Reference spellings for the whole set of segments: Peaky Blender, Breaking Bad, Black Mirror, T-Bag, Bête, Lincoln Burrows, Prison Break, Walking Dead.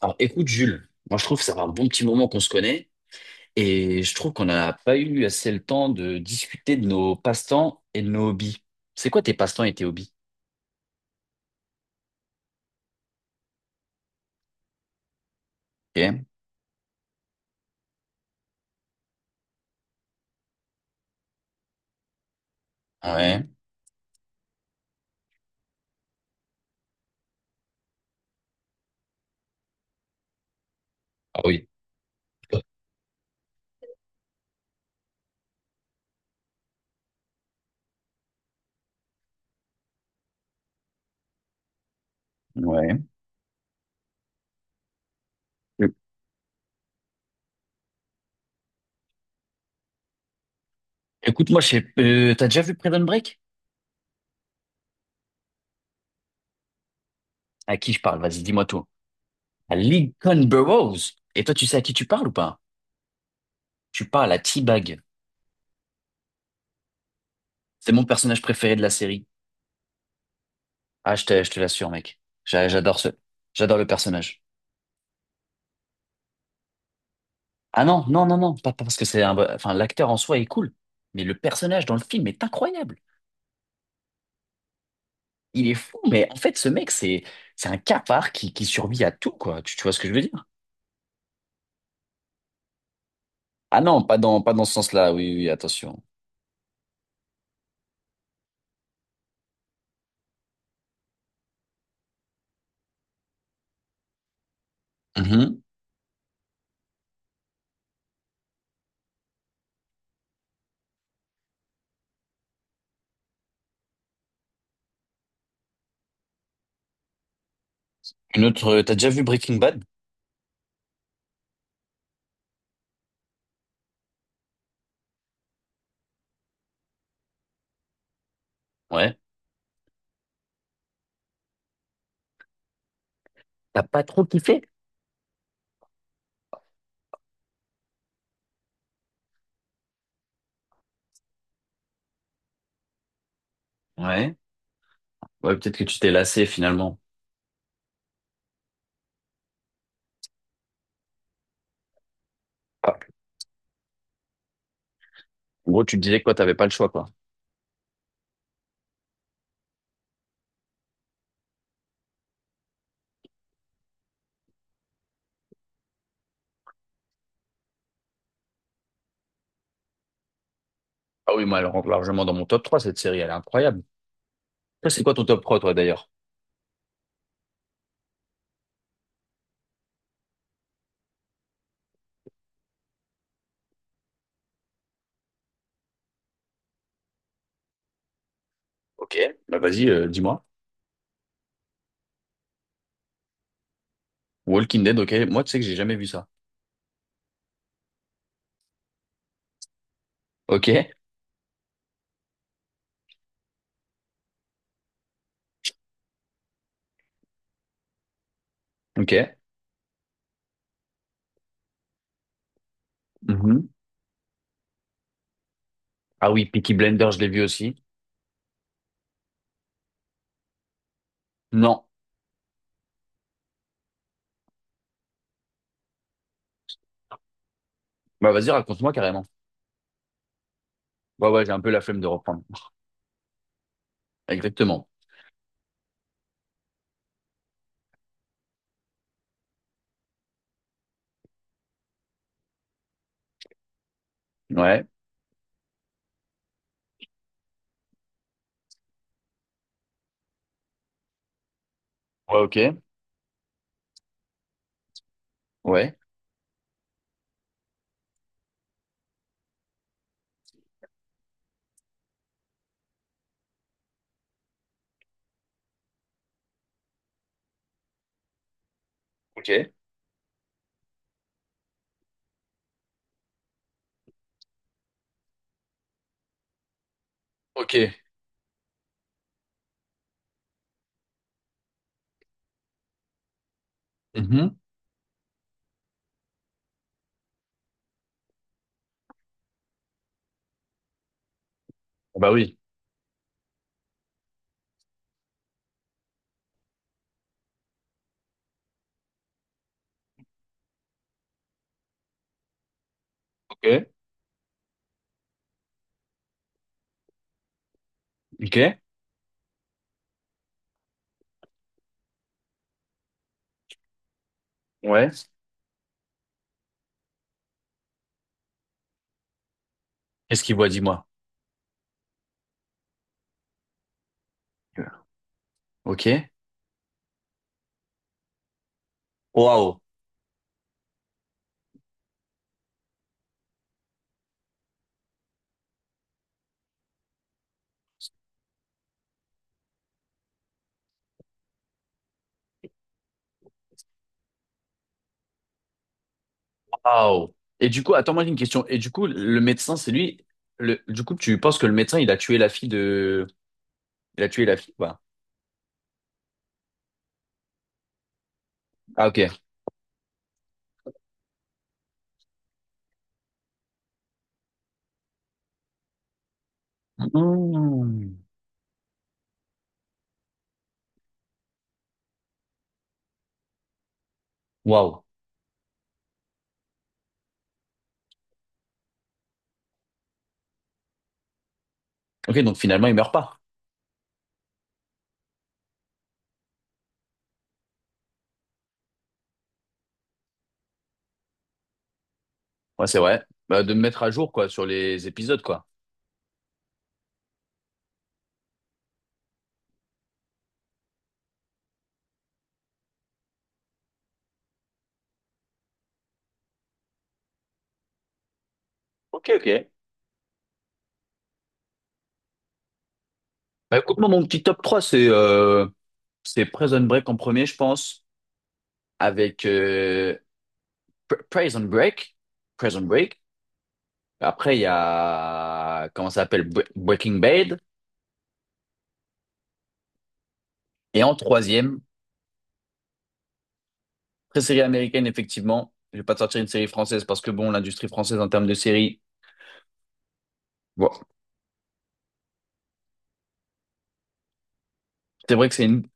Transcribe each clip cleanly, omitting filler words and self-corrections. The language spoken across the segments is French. Alors, écoute, Jules, moi je trouve que ça fait un bon petit moment qu'on se connaît et je trouve qu'on n'a pas eu assez le temps de discuter de nos passe-temps et de nos hobbies. C'est quoi tes passe-temps et tes hobbies? Ok. Ouais. Ah oui. Ouais. Écoute, moi, je sais, t'as déjà vu Prison Break? À qui je parle? Vas-y, dis-moi tout. À Lincoln Burrows. Et toi, tu sais à qui tu parles ou pas? Tu parles à T-Bag. C'est mon personnage préféré de la série. Ah, je te l'assure, mec. J'adore j'adore le personnage. Ah non, non, non, non, pas parce que c'est un... Enfin, l'acteur en soi est cool, mais le personnage dans le film est incroyable. Il est fou, mais en fait, ce mec, c'est un cafard qui survit à tout, quoi. Tu vois ce que je veux dire? Ah non, pas dans ce sens-là, oui, oui, attention. Mhm. Une autre... T'as déjà vu Breaking Bad? Ouais. T'as pas trop kiffé? Ouais. Ouais, peut-être que tu t'es lassé, finalement. Ah, en gros, tu te disais quoi, t'avais pas le choix, quoi. Ah oui, moi, elle rentre largement dans mon top 3 cette série, elle est incroyable. Toi, c'est quoi ton top 3 toi, d'ailleurs? Ok, bah vas-y, dis-moi. Walking Dead, ok. Moi, tu sais que j'ai jamais vu ça. Ok, ok. Mhm. Ah oui, Peaky Blender, je l'ai vu aussi. Non. Bah vas-y, raconte-moi carrément. Ouais, ouais, j'ai un peu la flemme de reprendre. Exactement. Ouais. Ouais, ok. Ouais. Ok. Ok. Mhm. Bah oui. Ok. Ok. Ouais. Qu'est-ce qu'il voit, dis-moi? Ok. Waouh. Waouh. Et du coup, attends, moi j'ai une question. Et du coup, le médecin, c'est lui. Le... Du coup, tu penses que le médecin, il a tué la fille de. Il a tué la fille, quoi. Ah, ok. Mmh. Waouh. Ok, donc finalement, il meurt pas. Ouais, c'est vrai. Bah, de me mettre à jour, quoi, sur les épisodes, quoi. Ok, ok. Bah, écoute-moi, mon petit top 3 c'est Prison Break en premier, je pense, avec Prison Break. Prison Break. Après, il y a, comment ça s'appelle, Breaking Bad. Et en troisième, très série américaine, effectivement. Je vais pas te sortir une série française parce que, bon, l'industrie française, en termes de séries, bon, c'est vrai que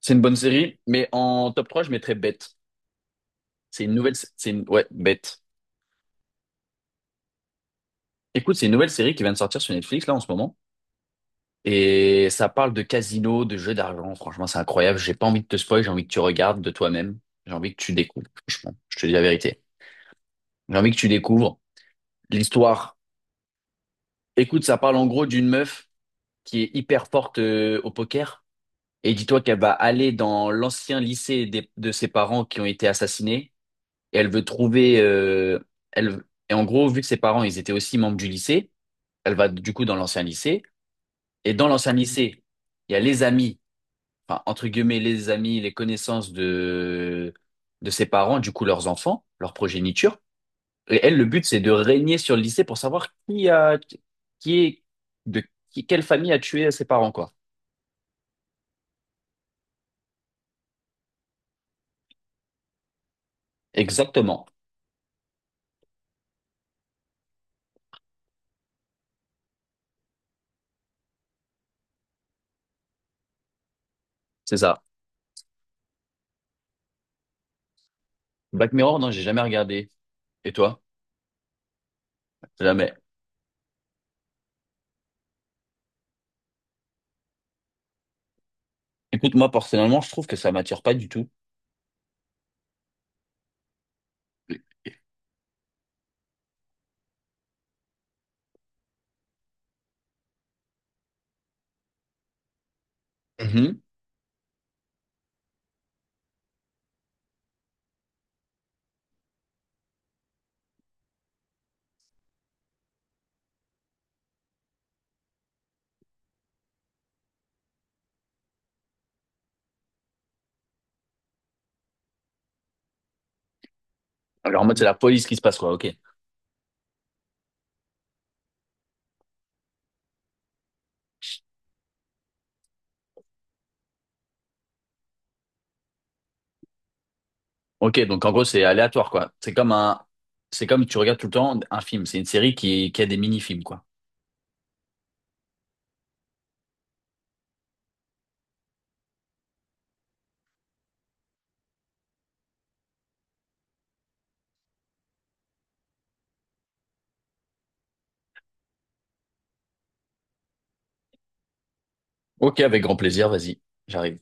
c'est une bonne série, mais en top 3 je mettrais Bête. C'est une ouais, Bête. Écoute, c'est une nouvelle série qui vient de sortir sur Netflix là en ce moment. Et ça parle de casino, de jeux d'argent. Franchement, c'est incroyable. J'ai pas envie de te spoil, j'ai envie que tu regardes de toi-même. J'ai envie que tu découvres, franchement. Je te dis la vérité. J'ai envie que tu découvres l'histoire. Écoute, ça parle en gros d'une meuf qui est hyper forte au poker. Et dis-toi qu'elle va aller dans l'ancien lycée de ses parents qui ont été assassinés. Et elle veut trouver. Elle, et en gros, vu que ses parents, ils étaient aussi membres du lycée, elle va du coup dans l'ancien lycée. Et dans l'ancien lycée, il y a les amis, enfin, entre guillemets, les amis, les connaissances de ses parents, du coup, leurs enfants, leur progéniture. Et elle, le but, c'est de régner sur le lycée pour savoir qui est, de quelle famille a tué ses parents, quoi. Exactement. C'est ça. Black Mirror, non, j'ai jamais regardé. Et toi? Jamais. Écoute, moi, personnellement, je trouve que ça m'attire pas du tout. Mhm. Alors, en mode, c'est la police qui se passe, quoi. Ok. Ok, donc en gros, c'est aléatoire, quoi. C'est comme tu regardes tout le temps un film. C'est une série qui a des mini-films, quoi. Ok, avec grand plaisir, vas-y, j'arrive.